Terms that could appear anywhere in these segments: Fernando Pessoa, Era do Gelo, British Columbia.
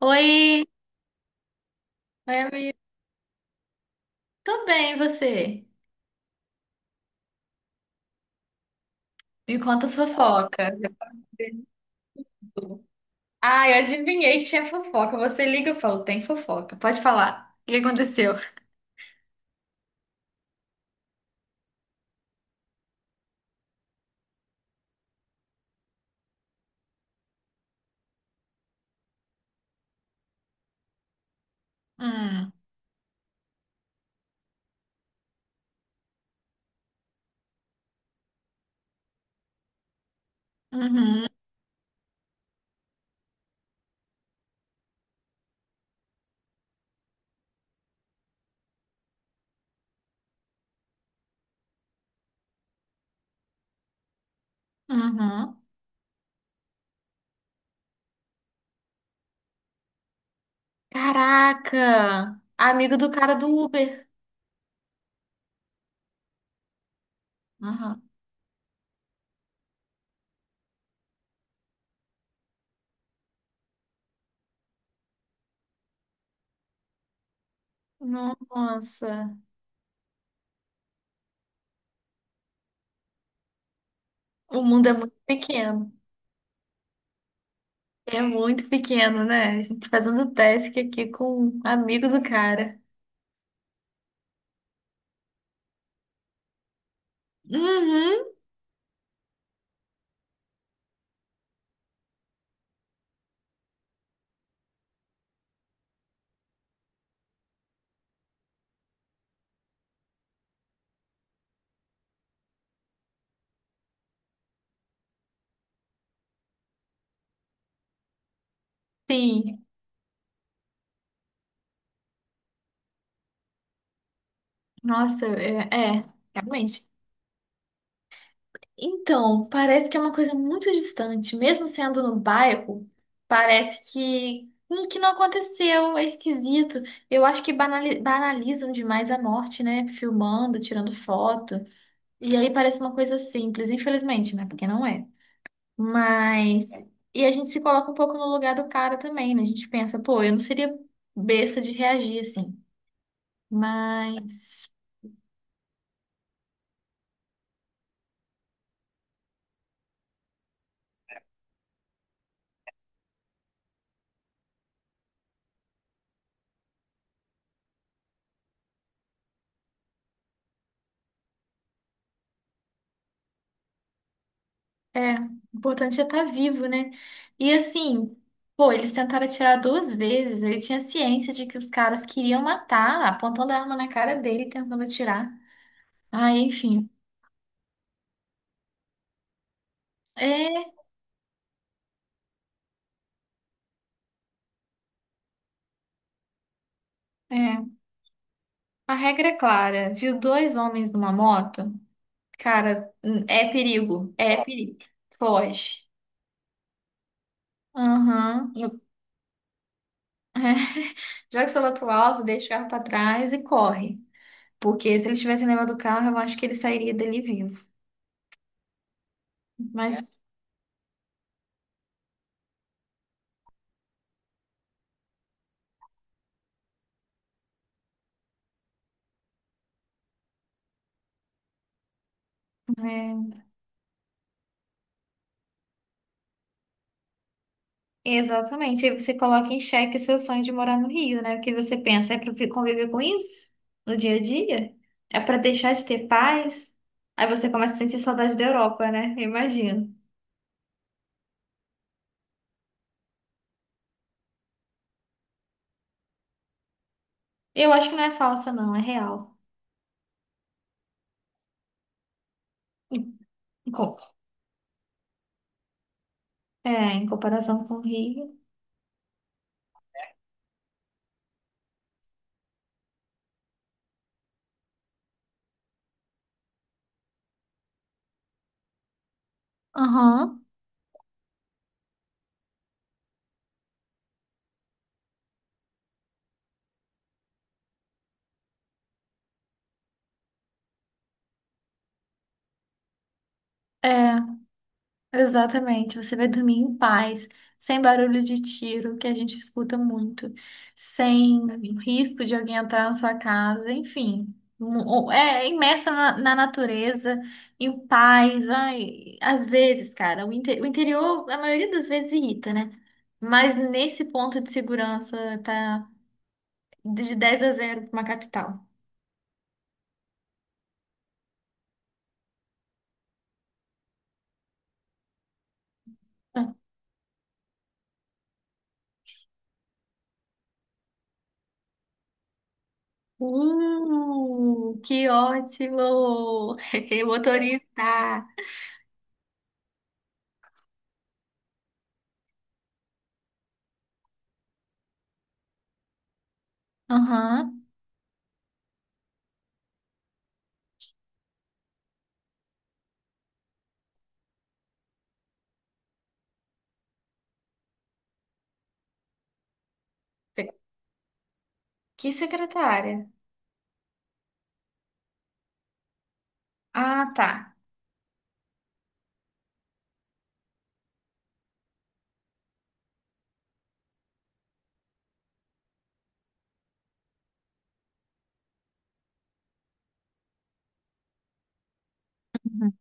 Oi, oi, amigo. Tô bem, e você? Me conta as fofocas. Eu posso saber de tudo. Ah, eu adivinhei que tinha fofoca. Você liga, eu falo, tem fofoca. Pode falar. O que aconteceu? Hum, uhum, uhum. Caraca! Amigo do cara do Uber. Aham. Nossa, o mundo é muito pequeno. É muito pequeno, né? A gente fazendo task aqui com um amigo do cara. Uhum, sim. Nossa, realmente. Então, parece que é uma coisa muito distante, mesmo sendo no bairro, parece que, que não aconteceu, é esquisito. Eu acho que banalizam demais a morte, né? Filmando, tirando foto. E aí parece uma coisa simples, infelizmente, né? Porque não é. Mas. E a gente se coloca um pouco no lugar do cara também, né? A gente pensa, pô, eu não seria besta de reagir assim. Mas. É, o importante é estar vivo, né? E assim, pô, eles tentaram atirar duas vezes. Ele tinha ciência de que os caras queriam matar, apontando a arma na cara dele, e tentando atirar. Aí, enfim. É, é. A regra é clara. Viu dois homens numa moto? Cara, é perigo. É perigo. Foge. Aham. Eu- Joga o celular pro alto, deixa o carro pra trás e corre. Porque se ele tivesse levado o carro, eu acho que ele sairia dele vivo. Mas, é. Exatamente. Aí você coloca em xeque o seu sonho de morar no Rio, né? O que você pensa? É para conviver com isso no dia a dia? É para deixar de ter paz? Aí você começa a sentir saudade da Europa, né? Eu imagino. Eu acho que não é falsa, não, é real. Em- em co- em comparação com o Rio. Aham. É. Exatamente, você vai dormir em paz, sem barulho de tiro, que a gente escuta muito, sem risco de alguém entrar na sua casa, enfim. É imersa na natureza, em paz. Ai, às vezes, cara, o interior, a maioria das vezes, irrita, né? Mas nesse ponto de segurança, tá de 10 a 0 para uma capital. Que ótimo! Motorista! Aham. Que secretária? Ah, tá. Uhum.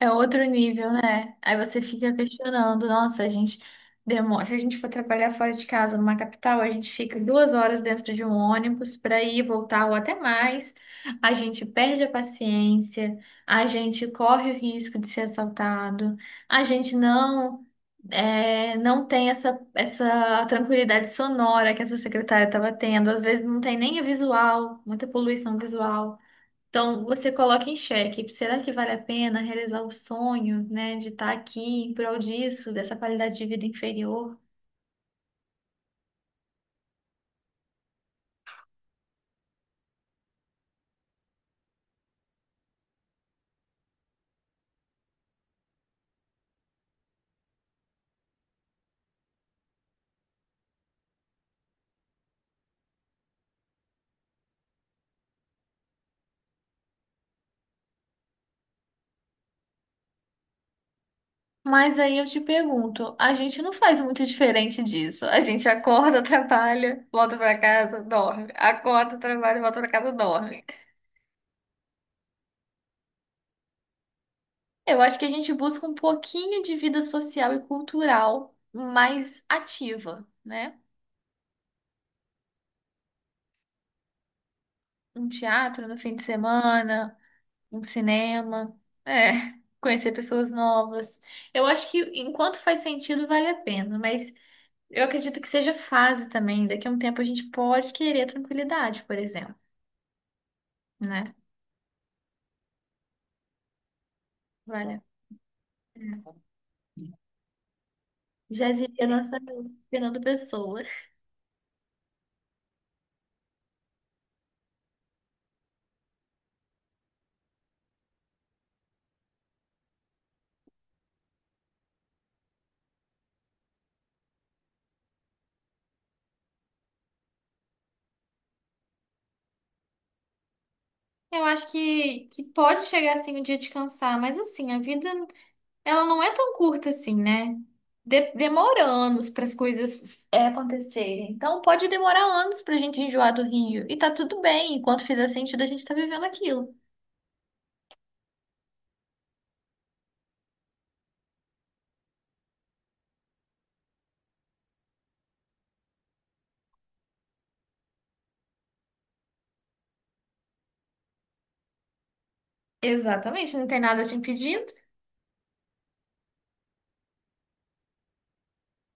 É outro nível, né? Aí você fica questionando, nossa, a gente demora. Se a gente for trabalhar fora de casa, numa capital, a gente fica 2 horas dentro de um ônibus para ir, e voltar ou até mais. A gente perde a paciência, a gente corre o risco de ser assaltado, a gente não tem essa tranquilidade sonora que essa secretária estava tendo. Às vezes não tem nem a visual, muita poluição visual. Então, você coloca em xeque, será que vale a pena realizar o sonho, né, de estar aqui em prol disso, dessa qualidade de vida inferior? Mas aí eu te pergunto, a gente não faz muito diferente disso. A gente acorda, trabalha, volta pra casa, dorme. Acorda, trabalha, volta pra casa, dorme. Eu acho que a gente busca um pouquinho de vida social e cultural mais ativa, né? Um teatro no fim de semana, um cinema, é, conhecer pessoas novas. Eu acho que enquanto faz sentido, vale a pena, mas eu acredito que seja fase também. Daqui a um tempo a gente pode querer tranquilidade, por exemplo, né? Vale a pena. Já diria nossa amiga Fernando Pessoa. Eu acho que pode chegar assim o dia de cansar, mas assim, a vida ela não é tão curta assim, né? Demora anos para as coisas acontecerem. Então pode demorar anos para a gente enjoar do Rio. E tá tudo bem, enquanto fizer sentido, a gente tá vivendo aquilo. Exatamente, não tem nada te impedindo.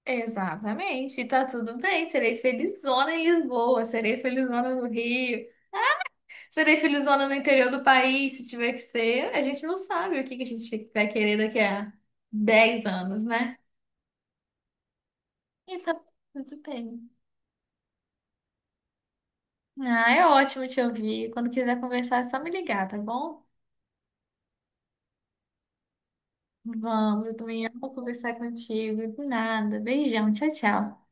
Exatamente, e tá tudo bem. Serei felizona em Lisboa, serei felizona no Rio, serei felizona no interior do país, se tiver que ser. A gente não sabe o que que a gente vai querer daqui a 10 anos, né? Então tudo bem. Ah, é ótimo te ouvir. Quando quiser conversar, é só me ligar, tá bom? Vamos, eu também amo conversar contigo. De nada. Beijão, tchau, tchau.